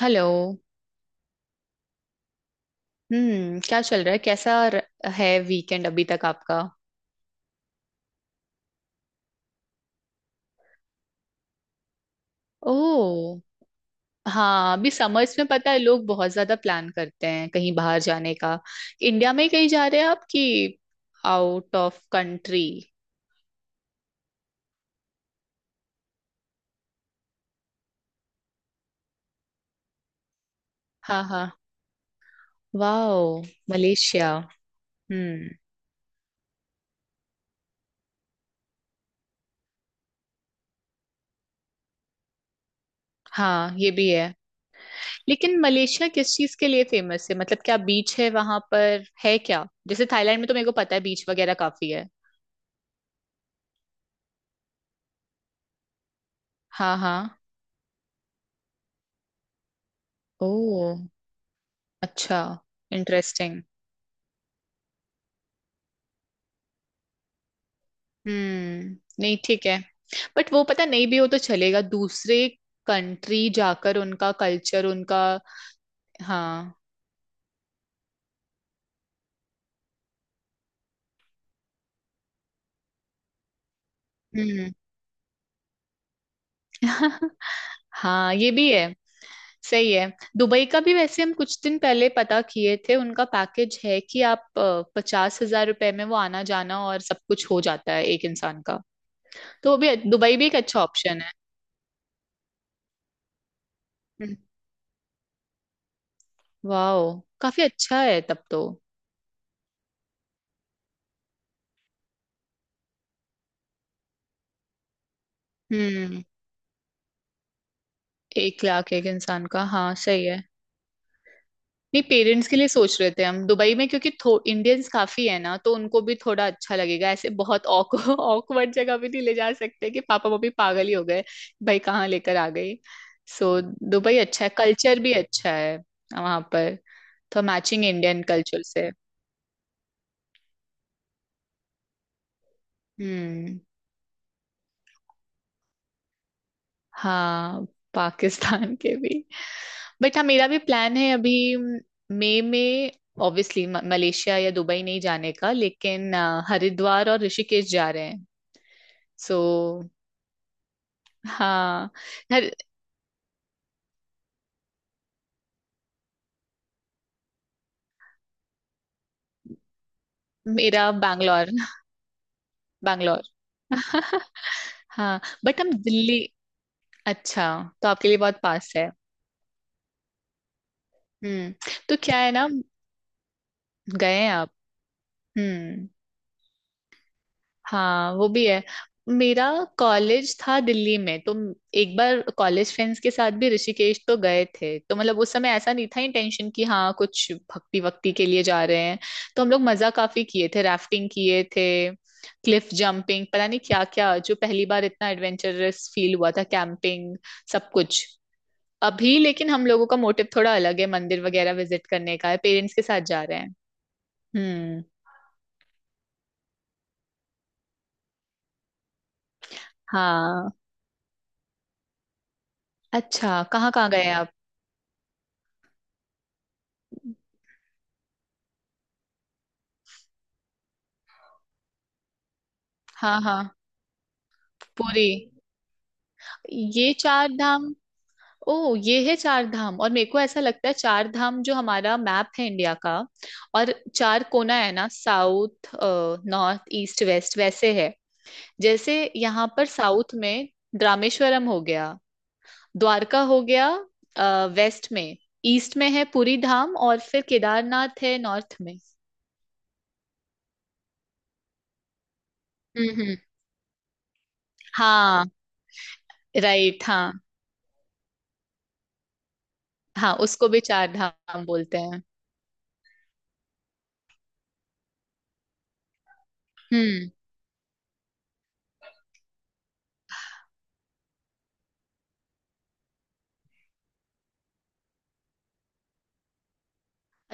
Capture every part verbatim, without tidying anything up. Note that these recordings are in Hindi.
हेलो। हम्म, क्या चल रहा है? कैसा र- है वीकेंड अभी तक आपका? ओह हाँ, अभी समर्स में पता है लोग बहुत ज्यादा प्लान करते हैं कहीं बाहर जाने का। इंडिया में कहीं जा रहे हैं आप कि आउट ऑफ कंट्री? हाँ हाँ। Wow, Malaysia. हम्म। हाँ ये भी है। लेकिन मलेशिया किस चीज के लिए फेमस है? मतलब क्या बीच है वहां पर? है क्या, जैसे थाईलैंड में तो मेरे को पता है बीच वगैरह काफी है। हाँ हाँ। ओह अच्छा। इंटरेस्टिंग। हम्म नहीं ठीक है। बट वो पता नहीं भी हो तो चलेगा, दूसरे कंट्री जाकर उनका कल्चर उनका। हाँ। हम्म। हाँ ये भी है, सही है। दुबई का भी वैसे हम कुछ दिन पहले पता किए थे, उनका पैकेज है कि आप पचास हजार रुपए में वो आना जाना और सब कुछ हो जाता है एक इंसान का। तो वो भी, दुबई भी एक अच्छा ऑप्शन है। हम्म। वाह, काफी अच्छा है तब तो। हम्म। एक लाख एक इंसान का, हाँ सही है। नहीं पेरेंट्स के लिए सोच रहे थे हम दुबई में, क्योंकि इंडियंस काफी है ना तो उनको भी थोड़ा अच्छा लगेगा। ऐसे बहुत ऑकवर्ड जगह भी नहीं ले जा सकते कि पापा मम्मी पागल ही हो गए, भाई कहाँ लेकर आ गई। सो दुबई अच्छा है, कल्चर भी अच्छा है वहां पर। तो मैचिंग इंडियन कल्चर से। हम्म। हाँ पाकिस्तान के भी। बट हाँ मेरा भी प्लान है अभी मई में। ऑब्वियसली मलेशिया या दुबई नहीं जाने का, लेकिन अ, हरिद्वार और ऋषिकेश जा रहे हैं। सो हाँ। हर- मेरा बैंगलोर। बैंगलोर। हाँ बट हम दिल्ली। अच्छा, तो आपके लिए बहुत पास है। हम्म। तो क्या है ना, गए हैं आप? हम्म हाँ वो भी है। मेरा कॉलेज था दिल्ली में तो एक बार कॉलेज फ्रेंड्स के साथ भी ऋषिकेश तो गए थे, तो मतलब उस समय ऐसा नहीं था इंटेंशन कि हाँ कुछ भक्ति वक्ति के लिए जा रहे हैं। तो हम लोग मजा काफी किए थे, राफ्टिंग किए थे, क्लिफ जंपिंग पता नहीं क्या क्या, जो पहली बार इतना एडवेंचरस फील हुआ था, कैंपिंग सब कुछ। अभी लेकिन हम लोगों का मोटिव थोड़ा अलग है, मंदिर वगैरह विजिट करने का है, पेरेंट्स के साथ जा रहे हैं। हम्म। हाँ अच्छा, कहाँ कहाँ गए आप? हाँ हाँ। पुरी। ये चार धाम। ओ ये है चार धाम। और मेरे को ऐसा लगता है चार धाम जो हमारा मैप है इंडिया का, और चार कोना है ना, साउथ नॉर्थ ईस्ट वेस्ट वैसे है। जैसे यहाँ पर साउथ में रामेश्वरम हो गया, द्वारका हो गया वेस्ट में, ईस्ट में है पुरी धाम, और फिर केदारनाथ है नॉर्थ में। हम्म हम्म। हाँ। राइट हाँ। हाँ उसको भी चार धाम बोलते हैं। हम्म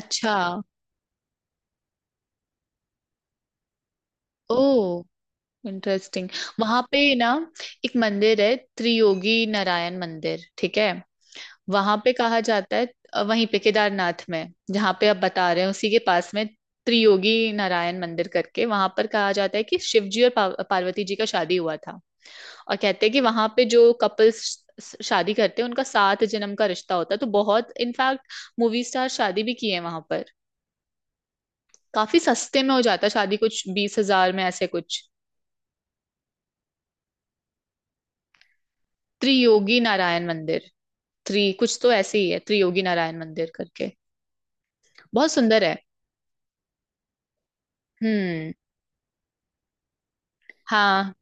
अच्छा। ओ इंटरेस्टिंग। वहां पे ना एक मंदिर है, त्रियोगी नारायण मंदिर, ठीक है? वहां पे कहा जाता है अ, वहीं पे केदारनाथ में, जहाँ पे आप बता रहे हैं उसी के पास में, त्रियोगी नारायण मंदिर करके। वहां पर कहा जाता है कि शिव जी और पार्व- पार्वती जी का शादी हुआ था। और कहते हैं कि वहां पे जो कपल्स शादी करते हैं उनका सात जन्म का रिश्ता होता है, तो बहुत इनफैक्ट मूवी स्टार शादी भी किए हैं वहां पर। काफी सस्ते में हो जाता है शादी, कुछ बीस हजार में, ऐसे कुछ। त्रियोगी नारायण मंदिर, थ्री कुछ तो ऐसे ही है, त्रियोगी नारायण मंदिर करके। बहुत सुंदर है। हम्म। हाँ।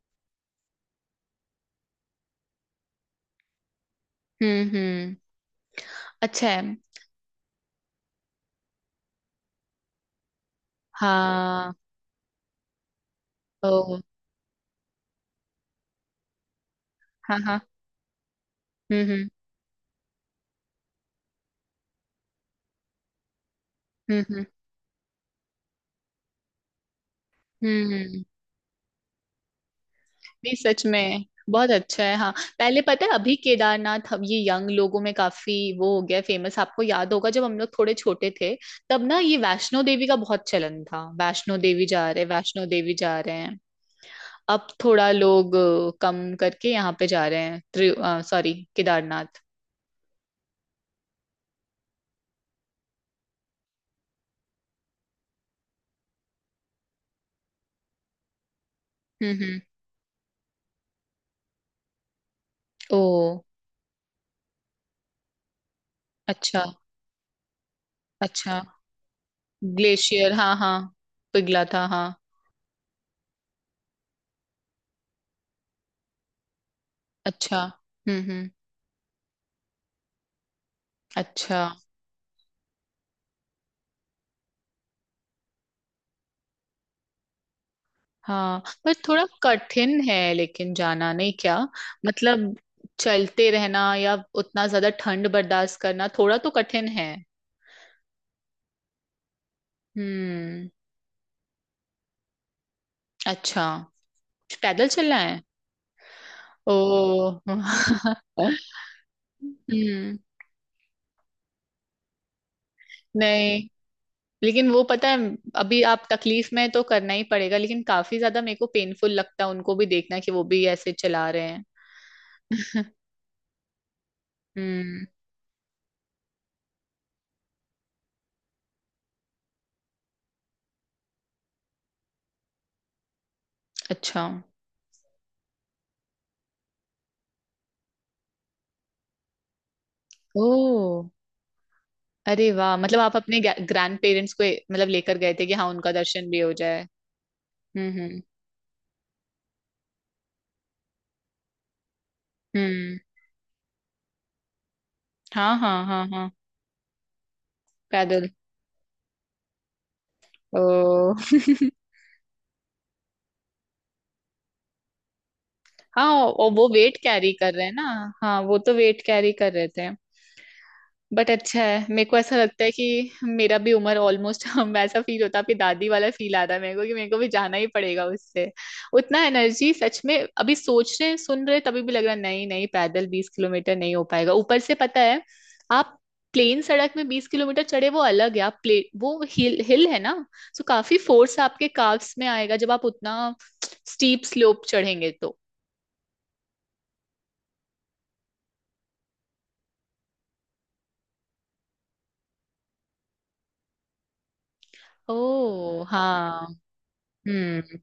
हम्म हम्म। अच्छा है हाँ। ओ हाँ हाँ। हम्म हम्म। हम्म हम्म। हम्म। नहीं सच में बहुत अच्छा है, हाँ। पहले पता है अभी केदारनाथ अब ये यंग लोगों में काफी वो हो गया, फेमस। आपको याद होगा जब हम लोग थोड़े छोटे थे, तब ना ये वैष्णो देवी का बहुत चलन था। वैष्णो देवी जा रहे, वैष्णो देवी जा रहे हैं। अब थोड़ा लोग अ, कम करके यहाँ पे जा रहे हैं, सॉरी केदारनाथ। हम्म हम्म। ओ अच्छा। अच्छा। ग्लेशियर हाँ हाँ, पिघला था हाँ। अच्छा। हम्म हम्म। अच्छा। हाँ पर थोड़ा कठिन है, लेकिन जाना नहीं क्या, मतलब चलते रहना या उतना ज्यादा ठंड बर्दाश्त करना थोड़ा तो कठिन है। हम्म। अच्छा, पैदल चलना है? ओ। हम्म। नहीं लेकिन वो पता है, अभी आप तकलीफ में हैं तो करना ही पड़ेगा, लेकिन काफी ज्यादा मेरे को पेनफुल लगता है उनको भी देखना कि वो भी ऐसे चला रहे हैं। हम्म। अच्छा। ओ अरे वाह, मतलब आप अपने ग्रैंड पेरेंट्स को मतलब लेकर गए थे कि हाँ उनका दर्शन भी हो जाए। हम्म हम्म। हम्म। हाँ हाँ हाँ हाँ। पैदल। ओ। हाँ और वो वेट कैरी कर रहे हैं ना। हाँ वो तो वेट कैरी कर रहे थे। बट अच्छा है। मेरे को ऐसा लगता है कि मेरा भी उम्र ऑलमोस्ट हम वैसा फील होता है, आपकी दादी वाला फील आ रहा है मेरे को कि मेरे को भी जाना ही पड़ेगा उससे। उतना एनर्जी सच में अभी सोच रहे सुन रहे तभी भी लग रहा है, नहीं नहीं पैदल बीस किलोमीटर नहीं हो पाएगा। ऊपर से पता है आप प्लेन सड़क में बीस किलोमीटर चढ़े वो अलग है, आप प्ले वो हिल हिल है ना, सो काफी फोर्स आपके काफ्स में आएगा जब आप उतना स्टीप स्लोप चढ़ेंगे तो। ओ हाँ। हम्म।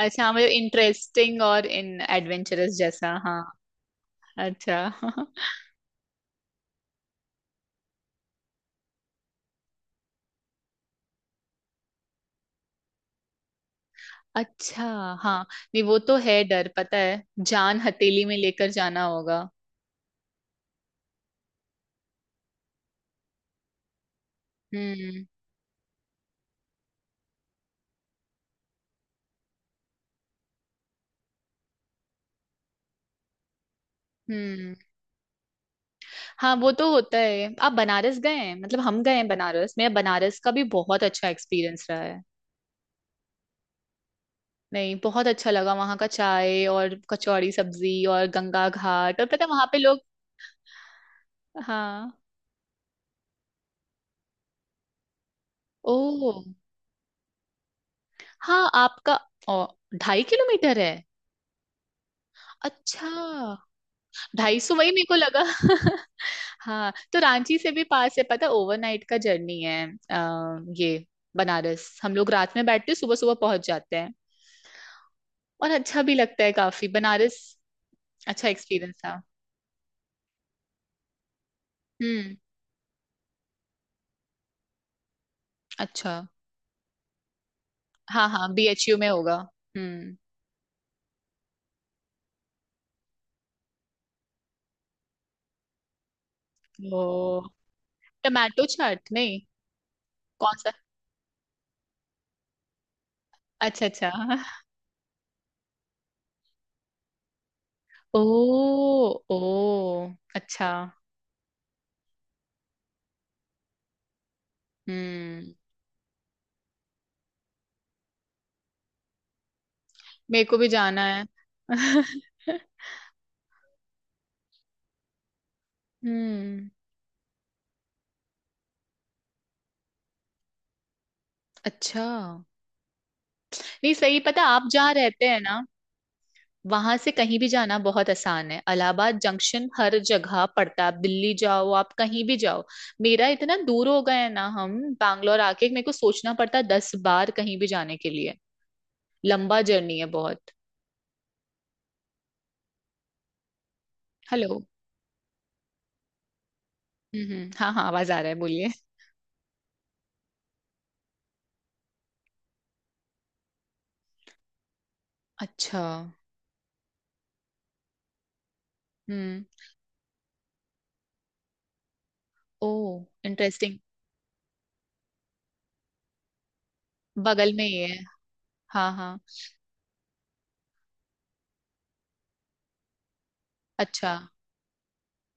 अच्छा हाँ, मतलब इंटरेस्टिंग और इन एडवेंचरस जैसा हाँ। अच्छा। अच्छा। हाँ। नहीं वो तो है डर, पता है जान हथेली में लेकर जाना होगा। हम्म हम्म। हाँ वो तो होता है। आप बनारस गए हैं? मतलब हम गए हैं बनारस, मेरा बनारस का भी बहुत अच्छा एक्सपीरियंस रहा है। नहीं बहुत अच्छा लगा वहाँ का, चाय और कचौड़ी सब्जी और गंगा घाट, और पता है वहाँ पे लोग। हाँ। ओह हाँ आपका। ओ ढाई किलोमीटर है? अच्छा। ढाई सौ, वही मेरे को लगा। हाँ तो रांची से भी पास है पता, ओवरनाइट का जर्नी है। आ, ये बनारस, हम लोग रात में बैठते सुबह सुबह पहुंच जाते हैं। और अच्छा भी लगता है काफी बनारस, अच्छा एक्सपीरियंस था। हम्म अच्छा। हाँ हाँ बी एच यू में होगा। हम्म। ओ टमाटो चाट नहीं? कौन सा? अच्छा अच्छा। ओ। ओ अच्छा। हम्म। मेरे को भी जाना है। हम्म। अच्छा। नहीं सही, पता आप जहाँ रहते हैं ना वहां से कहीं भी जाना बहुत आसान है। इलाहाबाद जंक्शन हर जगह पड़ता है, आप दिल्ली जाओ, आप कहीं भी जाओ। मेरा इतना दूर हो गया है ना, हम बैंगलोर आके मेरे को सोचना पड़ता है दस बार कहीं भी जाने के लिए। लंबा जर्नी है बहुत। हेलो। हम्म हम्म, हाँ हाँ आवाज आ रहा है, बोलिए। अच्छा। हम्म। ओ इंटरेस्टिंग। बगल में ही है। हाँ हाँ। अच्छा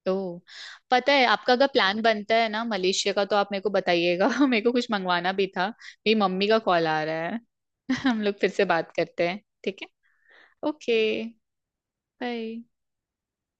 तो पता है, आपका अगर प्लान बनता है ना मलेशिया का तो आप मेरे को बताइएगा। मेरे को कुछ मंगवाना भी था। मेरी मम्मी का कॉल आ रहा है। हम लोग फिर से बात करते हैं, ठीक है? ओके। बाय।